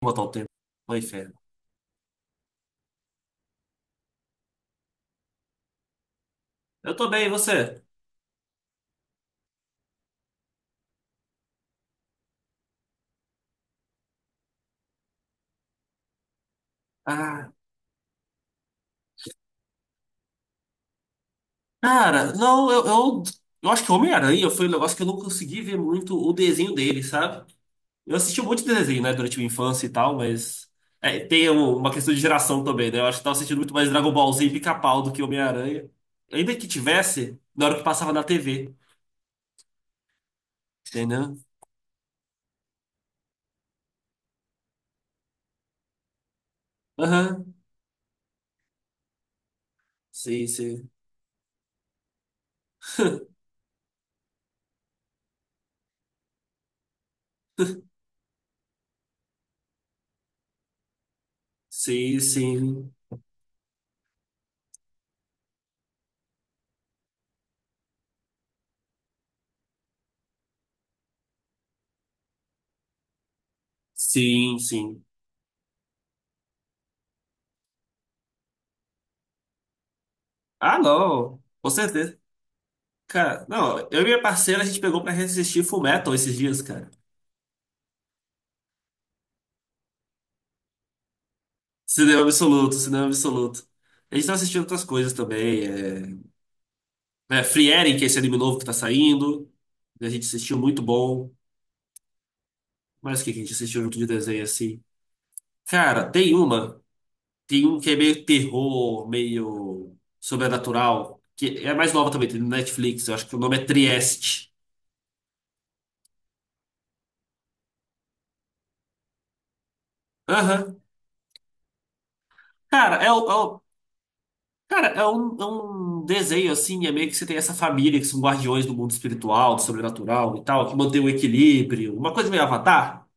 Vou botar o tempo. Oi, inferno. Eu tô bem, e você? Ah, cara, não, eu acho que Homem-Aranha foi um negócio que eu não consegui ver muito o desenho dele, sabe? Eu assisti muito desenho, né, durante minha infância e tal, mas é, tem uma questão de geração também, né? Eu acho que tava assistindo muito mais Dragon Ball Z e Pica-Pau do que Homem-Aranha. Ainda que tivesse, na hora que passava na TV, entendeu? Aham, sim, sim. Sim, sim. Sim, sim. Ah, não. Com certeza. Cara, não, eu e minha parceira a gente pegou pra assistir Fullmetal esses dias, cara. Cinema absoluto, cinema absoluto. A gente tá assistindo outras coisas também. É, Free Eren, que é esse anime novo que tá saindo. Né, a gente assistiu, muito bom. Mas o que que a gente assistiu junto de desenho assim? Cara, tem uma. Tem um que é meio terror, meio sobrenatural. Que é mais nova também, tem no Netflix. Eu acho que o nome é Trieste. Aham. Cara, é, o- é, Cara, é um desenho assim, é meio que você tem essa família que são guardiões do mundo espiritual, do sobrenatural e tal, que mantém o equilíbrio, uma coisa meio Avatar,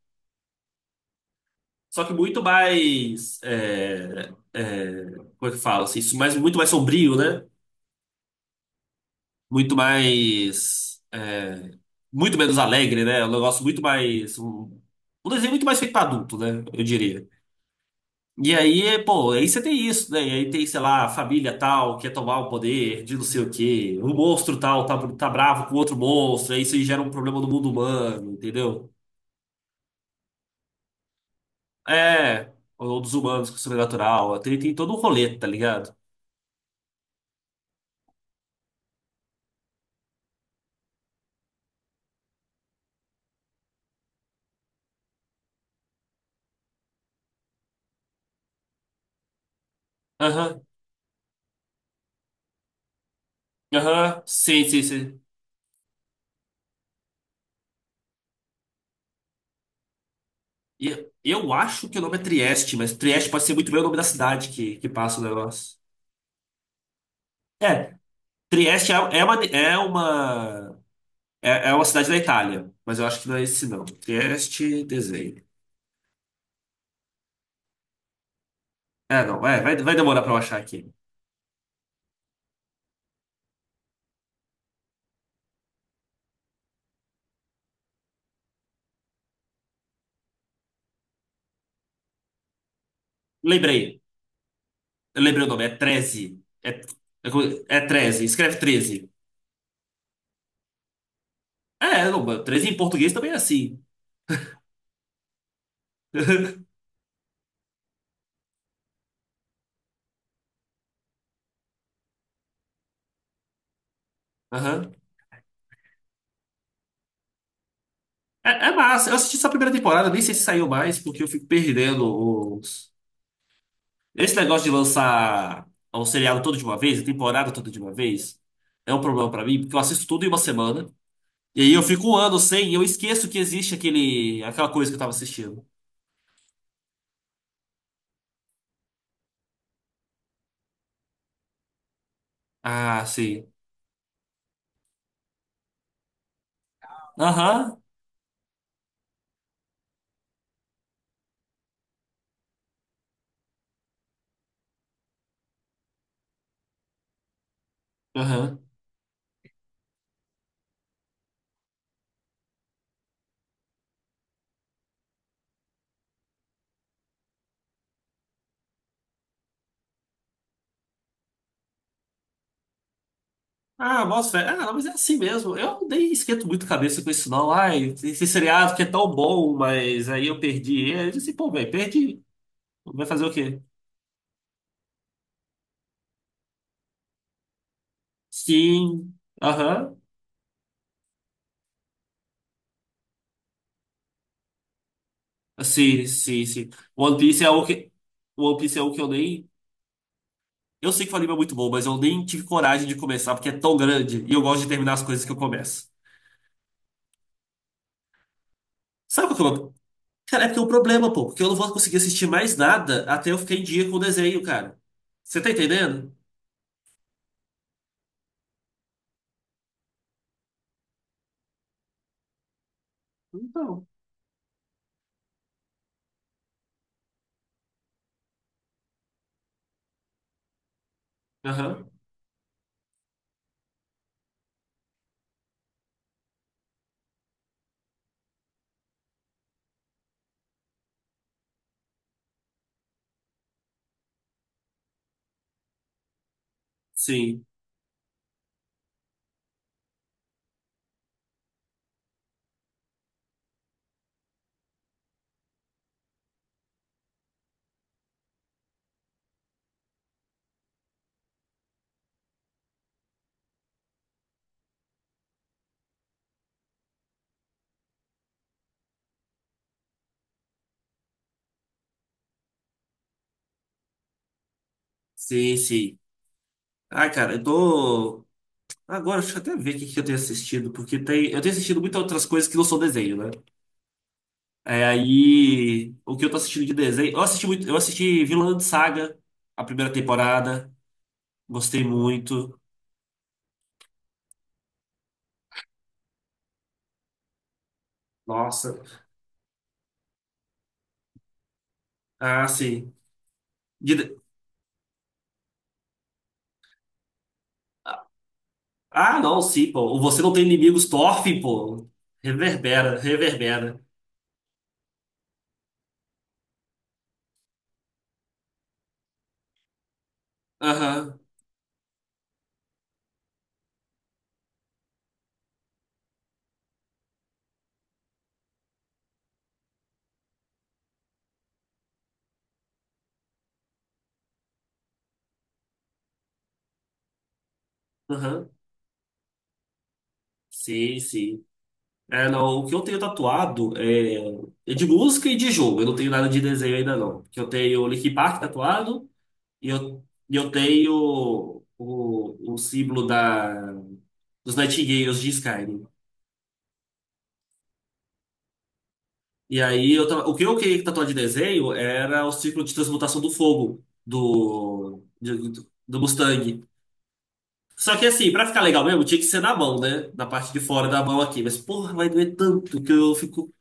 só que muito mais, como é que fala assim, isso mais, muito mais sombrio, né? Muito mais, é, muito menos alegre, né? É um negócio muito mais, um desenho muito mais feito pra adulto, né? Eu diria. E aí, pô, aí você tem isso, né? E aí tem, sei lá, a família tal quer tomar o poder de não sei o quê. O monstro tal tá bravo com outro monstro. Aí isso aí gera um problema no mundo humano, entendeu? É, ou dos humanos com o sobrenatural. Tem todo um rolê, tá ligado? Aham, aham, sim, sim, sim. E eu acho que o nome é Trieste, mas Trieste pode ser muito bem o nome da cidade que passa o negócio. É, Trieste é uma cidade da Itália, mas eu acho que não é esse não. Trieste, desenho. Ah, não, vai demorar pra eu achar aqui. Lembrei, eu lembrei o nome, é treze. É, é 13, escreve 13. É, não, 13 em português também é assim. Aham. É, é massa, eu assisti só a primeira temporada, nem sei se saiu mais, porque eu fico perdendo os... Esse negócio de lançar um seriado todo de uma vez, a temporada toda de uma vez, é um problema pra mim, porque eu assisto tudo em uma semana, e aí eu fico um ano sem, e eu esqueço que existe aquele, aquela coisa que eu tava assistindo. Ah, sim. Aham, aham. Ah, nossa, é, ah, mas é assim mesmo. Eu nem esquento muito a cabeça com isso, não. Ai, esse seriado que é tão bom, mas aí eu perdi ele. Eu disse, pô, velho, perdi. Vai fazer o quê? Sim, aham. Sim, sim, sim. One Piece é o que. One Piece é o que eu nem. Eu sei que o anime é muito bom, mas eu nem tive coragem de começar, porque é tão grande e eu gosto de terminar as coisas que eu começo. Sabe qual que é o. Cara, é porque é um problema, pô, porque eu não vou conseguir assistir mais nada até eu ficar em dia com o desenho, cara. Você tá entendendo? Então. Aham. Sim. Sim, sim. Ah, cara, eu tô. Agora, deixa eu até ver o que que eu tenho assistido, porque tem... eu tenho assistido muitas outras coisas que não são desenho, né? É, aí, o que eu tô assistindo de desenho. Eu assisti muito... eu assisti Vinland Saga, a primeira temporada. Gostei muito. Nossa. Ah, sim. De- ah, não, sim, pô. O você não tem inimigos, Thorfinn, pô. Reverbera, reverbera. Aham, aham. Sim, sim. É, não, o que eu tenho tatuado é, é de música e de jogo. Eu não tenho nada de desenho ainda, não. Porque eu tenho o Linkin Park tatuado e eu tenho o símbolo da, dos Nightingales de Skyrim. E aí, o que eu queria tatuar de desenho era o ciclo de transmutação do fogo do Mustang. Só que assim, pra ficar legal mesmo, tinha que ser na mão, né? Na parte de fora da mão aqui. Mas, porra, vai doer tanto que eu fico...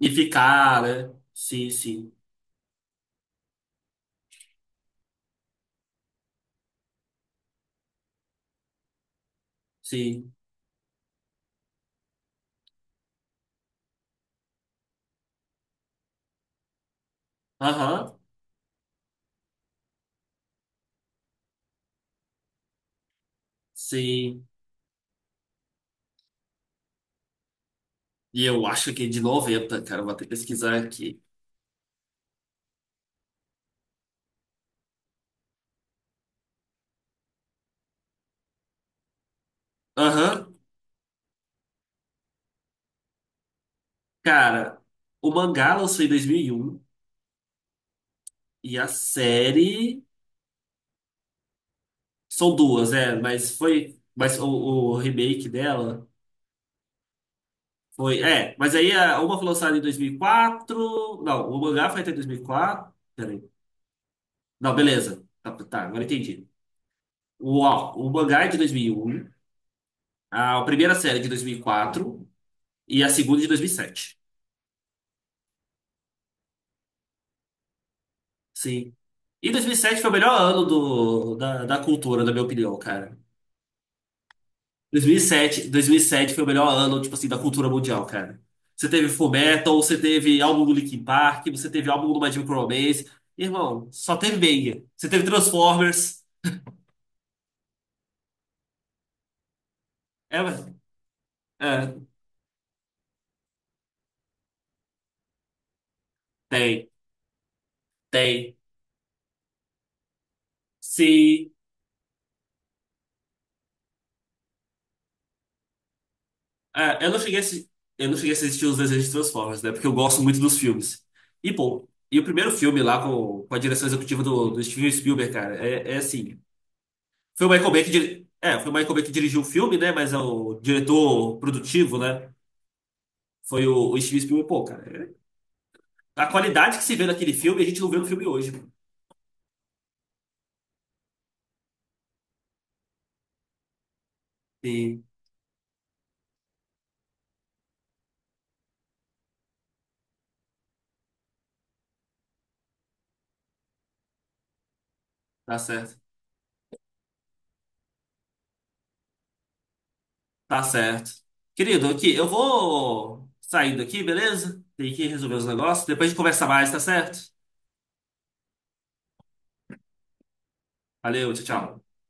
E ficar, né? Sim, sim, sim. Aham, sim. E eu acho que é de noventa, cara. Vou até pesquisar aqui. Aham, cara. O mangá lançou em dois mil e um e a série. São duas, é, mas foi. Mas o remake dela foi. É, mas uma foi lançada em dois mil e quatro. Não, o mangá foi até 2004. Peraí. Não, beleza. Tá, tá, agora entendi. O mangá é de dois mil e um, a primeira série é de dois mil e quatro e a segunda é de dois mil e sete. Sim. E dois mil e sete foi o melhor ano da cultura, na minha opinião, cara. Dois mil e sete foi o melhor ano, tipo assim, da cultura mundial, cara. Você teve Full Metal, você teve álbum do Linkin Park, você teve álbum do My Chemical Romance. Irmão, só teve banger. Você teve Transformers. É, mas- é, tem, tem. Sim. É, eu não cheguei a, eu não cheguei a assistir os desenhos de Transformers, né? Porque eu gosto muito dos filmes. E, pô, e o primeiro filme lá com a direção executiva do Steven Spielberg, cara, é, é assim. Foi o Michael Bay que diri... É, foi o Michael Bay que dirigiu o filme, né? Mas é o diretor produtivo, né? Foi o Steven Spielberg. Pô, cara, é- a qualidade que se vê naquele filme, a gente não vê no filme hoje, mano. Sim, tá certo. Tá certo. Querido, aqui, eu vou saindo aqui, beleza? Tem que resolver os negócios. Depois a gente conversa mais, tá certo? Valeu, tchau, tchau.